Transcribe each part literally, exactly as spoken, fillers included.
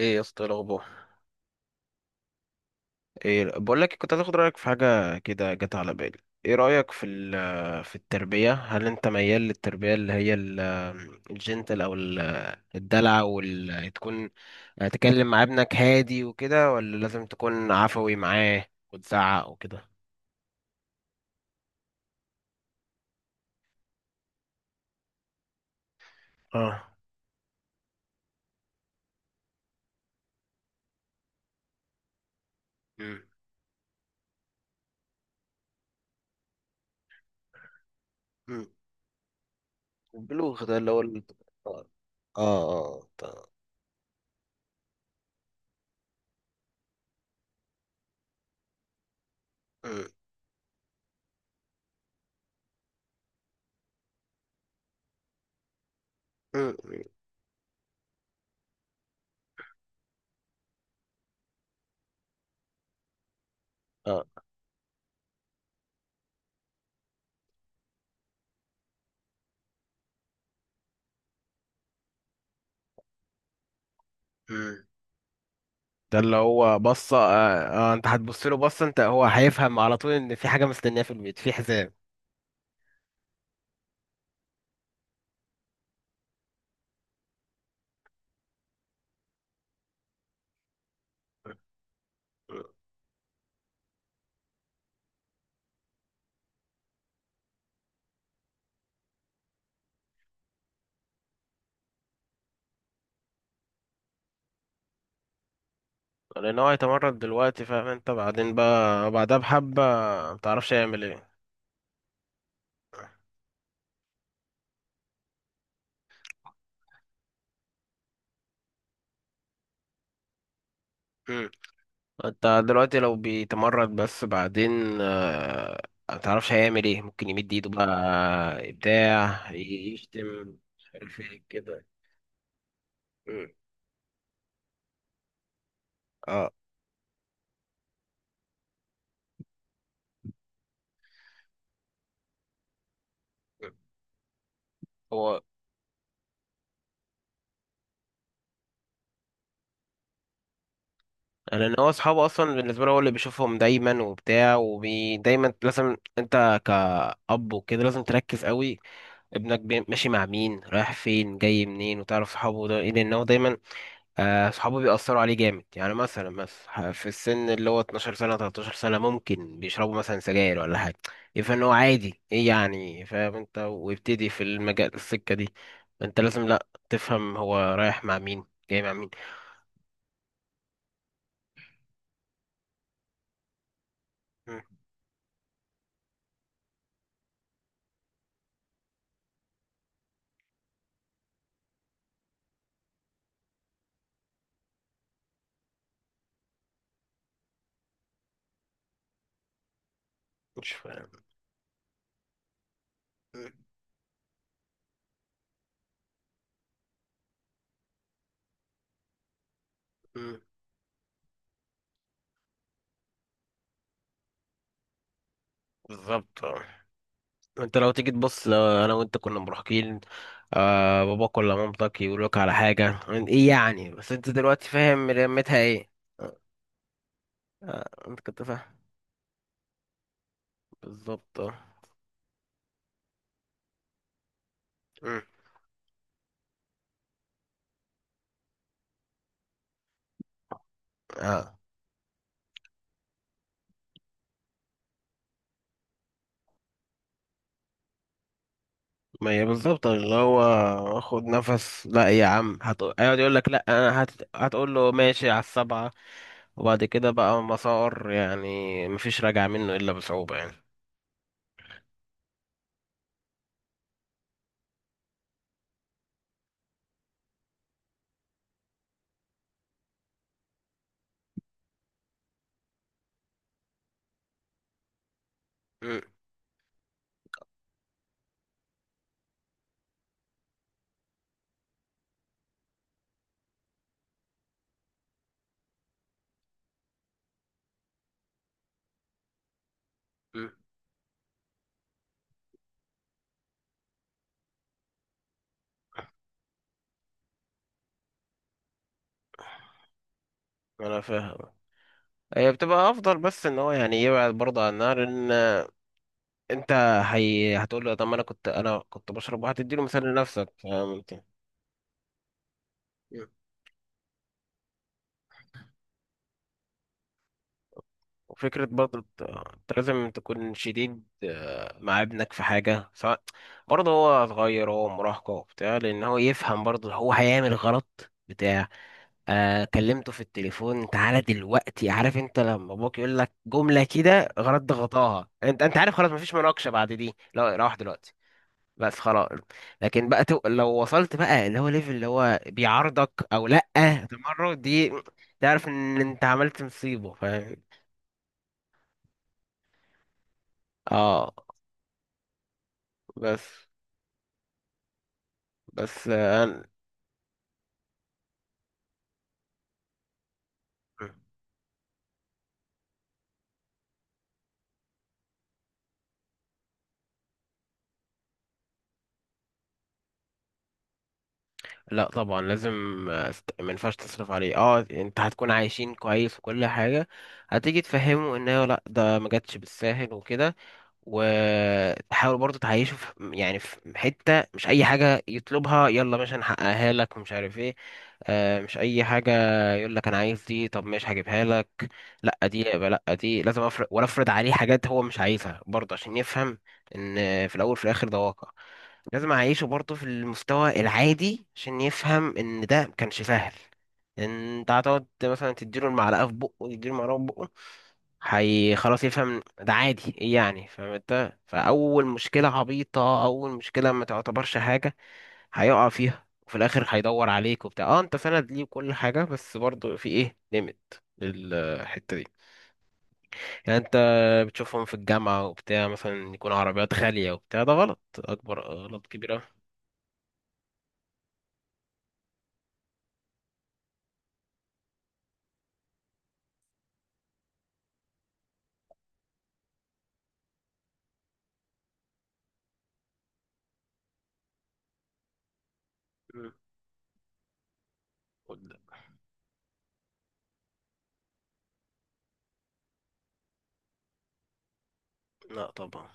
ايه يا اسطى، إيه الاخبار؟ ايه، بقول لك، كنت هتاخد رايك في حاجه كده جت على بالي. ايه رايك في ال- في التربيه؟ هل انت ميال للتربيه اللي هي ال- الجنتل او ال- الدلع وال تكون تكلم مع ابنك هادي وكده، ولا لازم تكون عفوي معاه وتزعق وكده؟ اه. امم امم البلوغ ده اللي هو ال- اه، اه، اه، آه. امم امم اه، ده اللي هو بصة آه. آه، انت هتبص له بصة انت، هو هيفهم على طول ان في حاجة مستنياه في البيت، في حزام. لان هو هيتمرد دلوقتي، فاهم انت؟ بعدين بقى بعدها بحبة متعرفش يعمل ايه. مم. انت دلوقتي لو بيتمرد بس بعدين آه، متعرفش هيعمل ايه، ممكن يمد ايده بقى بتاع يشتم مش عارف ايه كده. مم. اه، هو لان هو اصحابه اصلا بالنسبه له هو اللي بيشوفهم دايما وبتاع، ودايما لازم انت كأب وكده لازم تركز قوي. ابنك بي- ماشي مع مين، رايح فين، جاي منين، وتعرف صحابه ده ايه، لان هو دايما آه، صحابه بيأثروا عليه جامد. يعني مثلا مثلا في السن اللي هو اتناشر سنه ثلاثة عشر سنه ممكن بيشربوا مثلا سجاير ولا حاجه، يفهم ان هو عادي، ايه يعني، فاهم انت، ويبتدي في المجال السكه دي. انت لازم، لا، تفهم هو رايح مع مين، جاي مع مين. مم. مش فاهم. بالظبط آه. انت لو تيجي تبص، لو انا وانت كنا مراهقين آه باباك ولا مامتك يقول لك على حاجه، ايه يعني؟ بس انت دلوقتي فاهم رمتها ايه. آه. آه، انت كنت فاهم، بالظبط، اه. مم. اه، ما هي بالظبط اللي هو خد نفس لا يا عم، هت... هيقعد يقول لك لا، انا هت... هتقول له ماشي على السبعه، وبعد كده بقى مسار يعني مفيش راجع منه الا بصعوبه يعني. مم. مم. انا فاهم. هي بتبقى ابطال بس ان هو يعني يبعد برضه عن النار، ان انت هي... هتقول له طب ما انا كنت انا كنت بشرب، وهتديله مثال لنفسك، فاهم انت؟ مم. وفكرة برضه انت انت لازم تكون شديد آه، مع ابنك في حاجة. سواء برضه هو صغير هو مراهقة وبتاع، لأن هو يفهم برضه هو هيعمل غلط بتاع. آه كلمته في التليفون تعالى دلوقتي، عارف انت لما ابوك يقول لك جملة كده غلط ضغطاها، انت انت عارف خلاص مفيش مناقشة بعد دي، لا روح دلوقتي. بس خلاص. لكن بقى تو... لو وصلت بقى اللي هو ليفل اللي هو بيعارضك او لأ، تمرد دي، تعرف ان انت عملت مصيبة، فاهم؟ اه، بس بس آه، أنا... لا طبعا لازم. آه، است- ما ينفعش تصرف عليه. اه، انت هتكون عايشين كويس وكل حاجة، هتيجي تفهمه ان هو لا، ده ما جاتش بالساهل وكده. وتحاول برضه تعيشه في يعني في حتة مش أي حاجة يطلبها يلا ماشي هنحققها لك ومش عارف ايه. آه، مش أي حاجة يقول لك أنا عايز دي طب ماشي هجيبها لك. لأ، دي يبقى لأ، دي لازم أفرض، ولا أفرض عليه حاجات هو مش عايزها برضه عشان يفهم إن في الأول في الآخر ده واقع. لازم أعيشه برضه في المستوى العادي عشان يفهم إن ده مكانش سهل. إن أنت هتقعد مثلا تديله المعلقة في بقه، يديله المعلقة في بقه، هي خلاص يفهم ده عادي، ايه يعني، فاهم انت، فاول مشكله عبيطه اول مشكله ما تعتبرش حاجه، هيقع فيها، وفي الاخر هيدور عليك وبتاع، اه انت سند ليه وكل حاجه، بس برضه في ايه ليميت للحته دي. يعني انت بتشوفهم في الجامعه وبتاع مثلا يكون عربيات غاليه وبتاع، ده غلط، اكبر غلط، كبير أوي. مم. ولا- لا طبعا.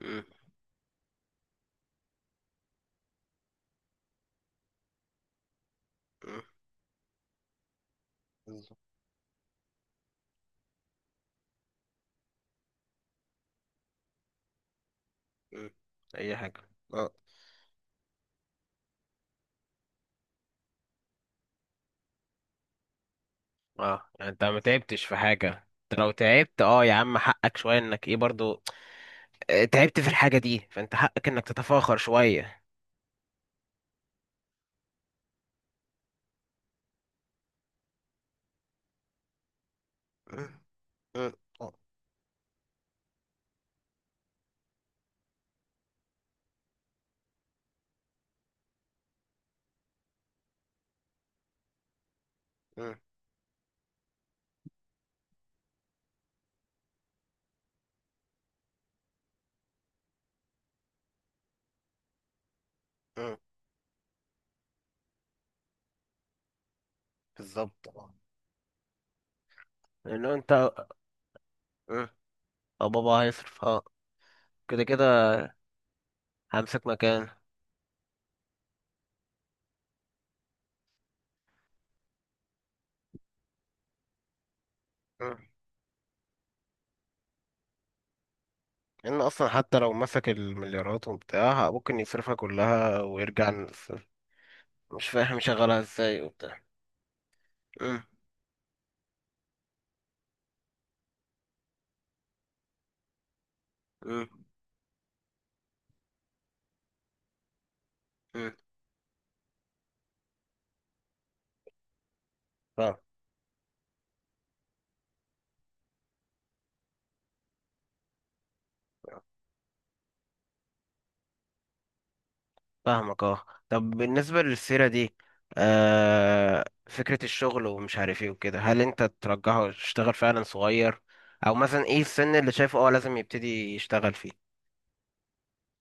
مم. مم. بالظبط. مم. اي حاجه. آه. اه، يعني انت ما تعبتش في حاجة، انت لو تعبت اه يا عم حقك شوية، انك ايه برضو آه، تعبت في الحاجة دي فانت حقك انك تتفاخر شوية. أه، أه، أه، أه، أه. بالظبط، اه. انه انت أه. اه، بابا هيصرف، اه. كده كده همسك مكان. أه. ان اصلا حتى لو مسك المليارات وبتاع ممكن يصرفها كلها ويرجع للصفر. مش فاهم شغالها ازاي وبتاع. أه، أه، أه. فاهم. فاهمك، اه. طب بالنسبة للسيرة دي آه فكرة الشغل ومش عارف ايه وكده، هل انت ترجحه يشتغل فعلا صغير او مثلا ايه السن اللي شايفه اه لازم يبتدي يشتغل فيه،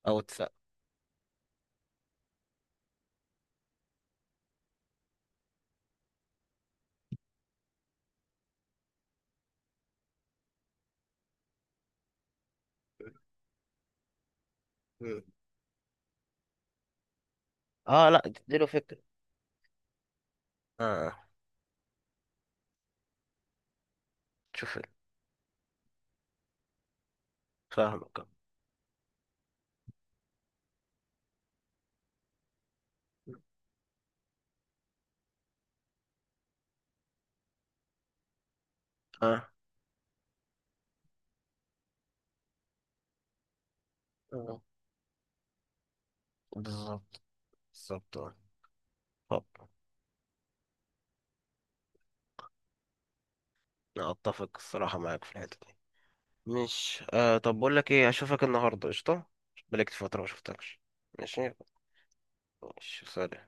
او تس... مم. اه، لا، تديله فكرة، اه آه. شوف. فاهمك، اه، اه، آه. بالظبط بالظبط، اه. طب انا اتفق الصراحة معاك في الحتة دي. مش آه طب بقول لك ايه، اشوفك النهاردة قشطة. بقالك فترة ما شفتكش. ماشي. ماشي سلام.